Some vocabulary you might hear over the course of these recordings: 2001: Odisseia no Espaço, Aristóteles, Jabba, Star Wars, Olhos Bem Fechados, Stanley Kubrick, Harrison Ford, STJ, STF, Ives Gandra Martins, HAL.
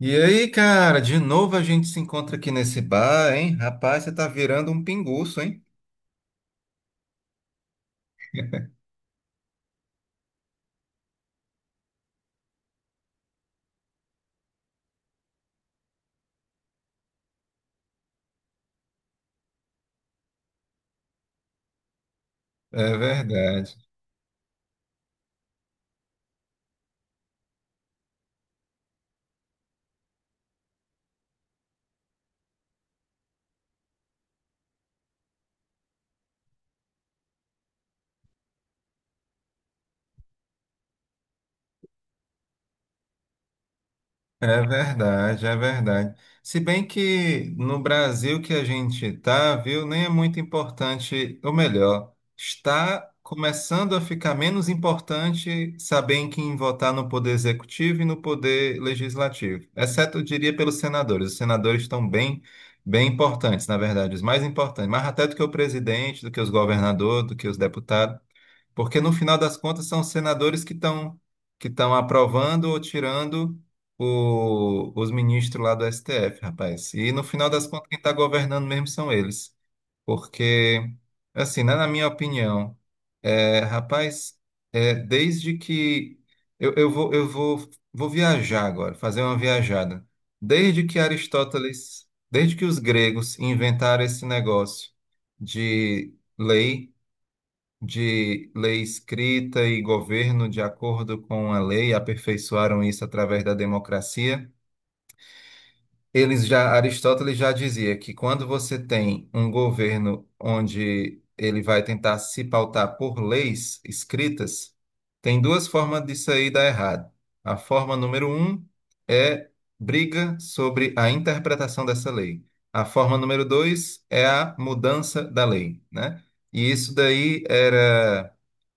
E aí, cara, de novo a gente se encontra aqui nesse bar, hein? Rapaz, você tá virando um pinguço, hein? É verdade. É verdade, é verdade. Se bem que no Brasil que a gente está, viu, nem é muito importante, ou melhor, está começando a ficar menos importante saber em quem votar no poder executivo e no poder legislativo. Exceto, eu diria, pelos senadores. Os senadores estão bem, bem importantes, na verdade, os mais importantes, mais até do que o presidente, do que os governadores, do que os deputados. Porque no final das contas são os senadores que estão aprovando ou tirando os ministros lá do STF, rapaz. E no final das contas quem está governando mesmo são eles. Porque, assim, né, na minha opinião, rapaz, desde que vou viajar agora, fazer uma viajada. Desde que Aristóteles, desde que os gregos inventaram esse negócio de lei de lei escrita e governo de acordo com a lei, aperfeiçoaram isso através da democracia. Eles já, Aristóteles já dizia que, quando você tem um governo onde ele vai tentar se pautar por leis escritas, tem duas formas disso aí dar errado. A forma número um é briga sobre a interpretação dessa lei. A forma número dois é a mudança da lei, né? E isso daí era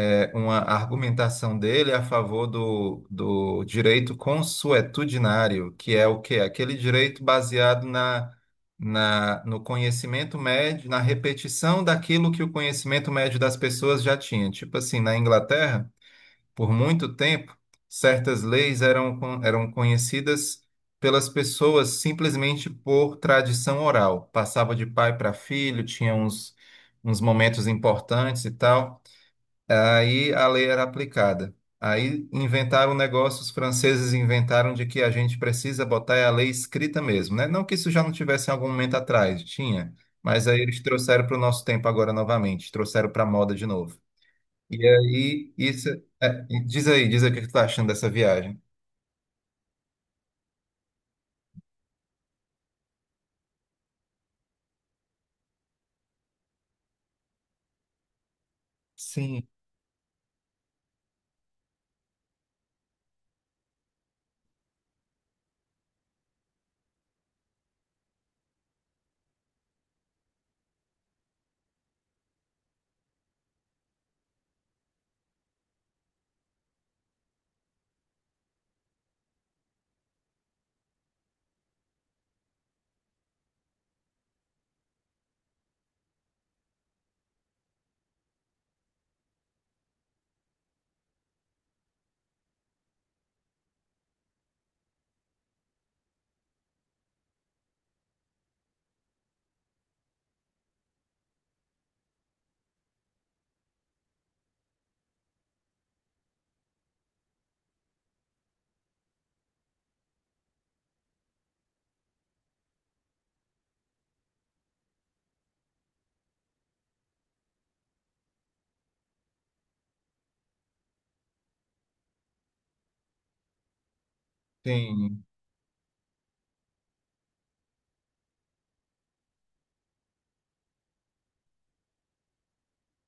uma argumentação dele a favor do direito consuetudinário, que é o quê? Aquele direito baseado no conhecimento médio, na repetição daquilo que o conhecimento médio das pessoas já tinha. Tipo assim, na Inglaterra, por muito tempo, certas leis eram conhecidas pelas pessoas simplesmente por tradição oral. Passava de pai para filho, tinha uns momentos importantes e tal. Aí a lei era aplicada. Aí inventaram o negócio, os franceses inventaram de que a gente precisa botar a lei escrita mesmo, né? Não que isso já não tivesse em algum momento atrás, tinha, mas aí eles trouxeram para o nosso tempo agora novamente, trouxeram para a moda de novo. E aí, isso. é, diz aí, diz aí o que que tu tá achando dessa viagem. Sim, sim,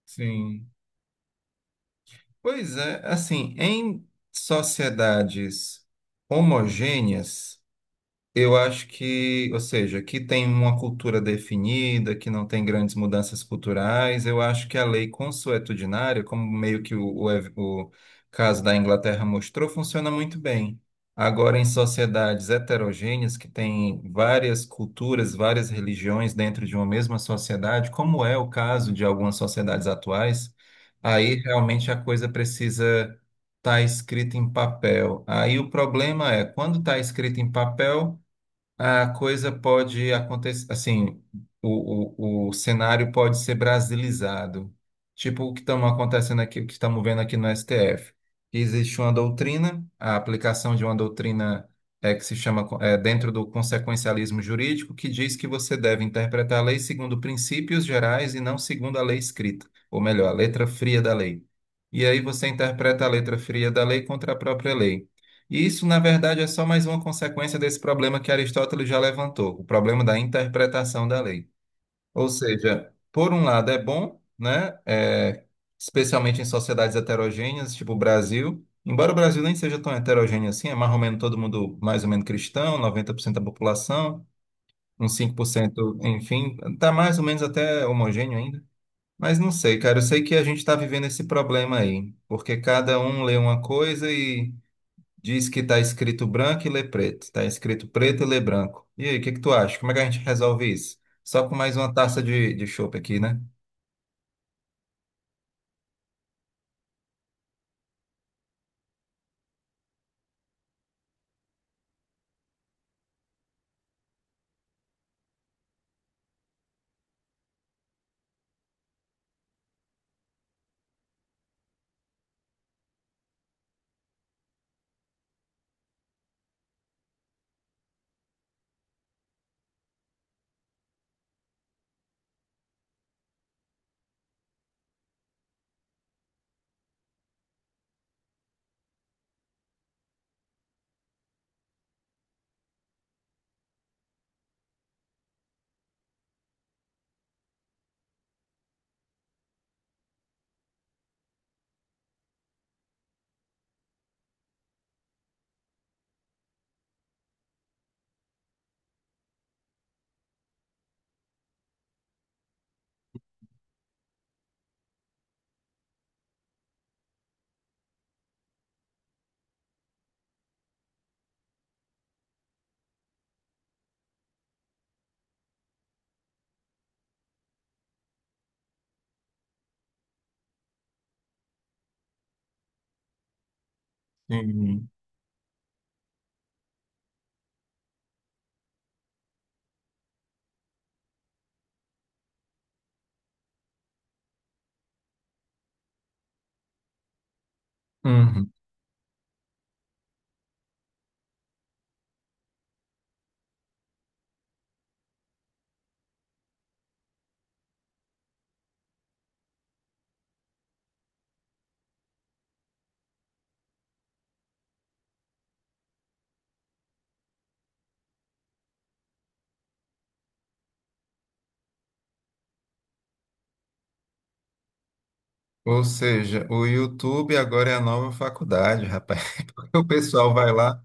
sim. Pois é, assim, em sociedades homogêneas. Eu acho que, ou seja, que tem uma cultura definida, que não tem grandes mudanças culturais. Eu acho que a lei consuetudinária, como meio que o caso da Inglaterra mostrou, funciona muito bem. Agora, em sociedades heterogêneas, que têm várias culturas, várias religiões dentro de uma mesma sociedade, como é o caso de algumas sociedades atuais, aí realmente a coisa precisa estar escrita em papel. Aí o problema é quando está escrito em papel. A coisa pode acontecer, assim, o cenário pode ser brasilizado. Tipo o que estamos acontecendo aqui, o que estamos vendo aqui no STF. Existe uma doutrina, a aplicação de uma doutrina, que se chama, dentro do consequencialismo jurídico, que diz que você deve interpretar a lei segundo princípios gerais e não segundo a lei escrita, ou melhor, a letra fria da lei. E aí você interpreta a letra fria da lei contra a própria lei. E isso, na verdade, é só mais uma consequência desse problema que Aristóteles já levantou, o problema da interpretação da lei. Ou seja, por um lado é bom, né? Especialmente em sociedades heterogêneas, tipo o Brasil. Embora o Brasil nem seja tão heterogêneo assim, é mais ou menos todo mundo mais ou menos cristão, 90% da população, uns 5%, enfim, tá mais ou menos até homogêneo ainda. Mas não sei, cara, eu sei que a gente está vivendo esse problema aí, porque cada um lê uma coisa e diz que está escrito branco e lê preto. Está escrito preto e lê branco. E aí, o que que tu acha? Como é que a gente resolve isso? Só com mais uma taça de chopp aqui, né? Uhum. Uhum. Ou seja, o YouTube agora é a nova faculdade, rapaz. Porque o pessoal vai lá.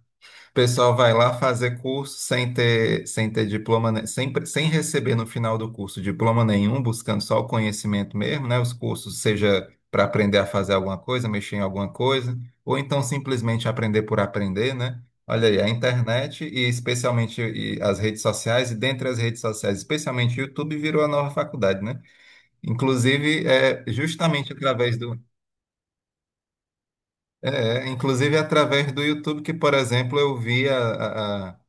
O pessoal vai lá fazer curso sem ter diploma, né? Sem receber no final do curso diploma nenhum, buscando só o conhecimento mesmo, né? Os cursos, seja para aprender a fazer alguma coisa, mexer em alguma coisa, ou então simplesmente aprender por aprender, né? Olha aí, a internet e especialmente e as redes sociais, e dentre as redes sociais, especialmente o YouTube, virou a nova faculdade, né? Inclusive, é justamente através do, inclusive através do YouTube, que, por exemplo, eu vi a, a- a-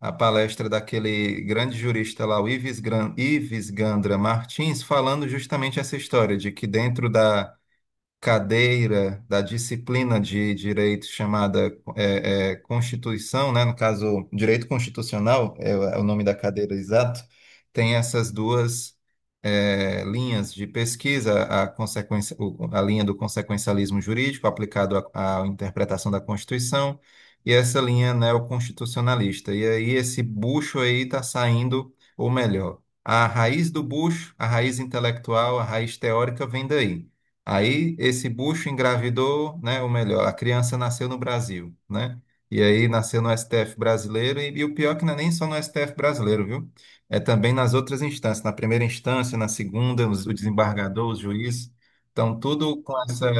a palestra daquele grande jurista lá, o Ives, Ives Gandra Martins, falando justamente essa história de que dentro da cadeira da disciplina de direito chamada Constituição, né? No caso, direito constitucional é o nome da cadeira exato, tem essas duas linhas de pesquisa, a linha do consequencialismo jurídico aplicado à interpretação da Constituição e essa linha neoconstitucionalista. E aí esse bucho aí está saindo, ou melhor, a raiz do bucho, a raiz intelectual, a raiz teórica vem daí. Aí esse bucho engravidou, né? Ou melhor, a criança nasceu no Brasil, né? E aí nasceu no STF brasileiro, e o pior é que não é nem só no STF brasileiro, viu? É também nas outras instâncias, na primeira instância, na segunda, o desembargador, o juiz. Então, tudo com essa.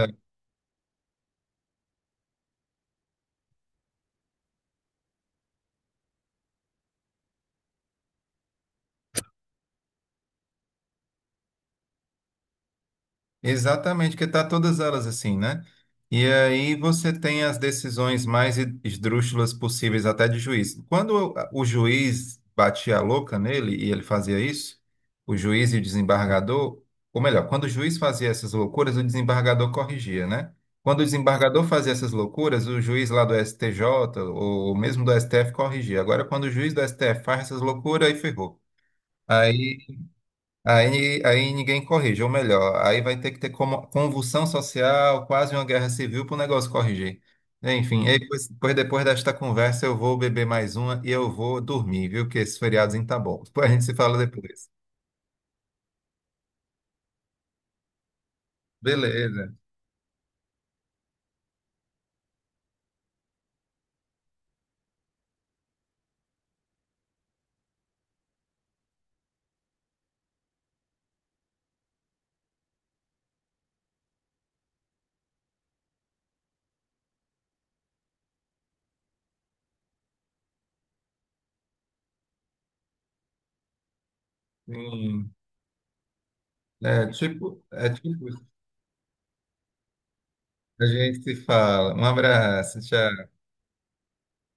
Exatamente, porque tá todas elas assim, né? E aí você tem as decisões mais esdrúxulas possíveis até de juiz. Quando o juiz batia a louca nele e ele fazia isso, o juiz e o desembargador, ou melhor, quando o juiz fazia essas loucuras, o desembargador corrigia, né? Quando o desembargador fazia essas loucuras, o juiz lá do STJ ou mesmo do STF corrigia. Agora, quando o juiz do STF faz essas loucuras, aí ferrou. aí aí ninguém corrige, ou melhor, aí vai ter que ter convulsão social, quase uma guerra civil para o negócio corrigir. Enfim, e depois desta conversa eu vou beber mais uma e eu vou dormir, viu? Que esse feriadozinho tá bom. Depois a gente se fala depois. Beleza. Sim. Isso. A gente se fala. Um abraço, tchau.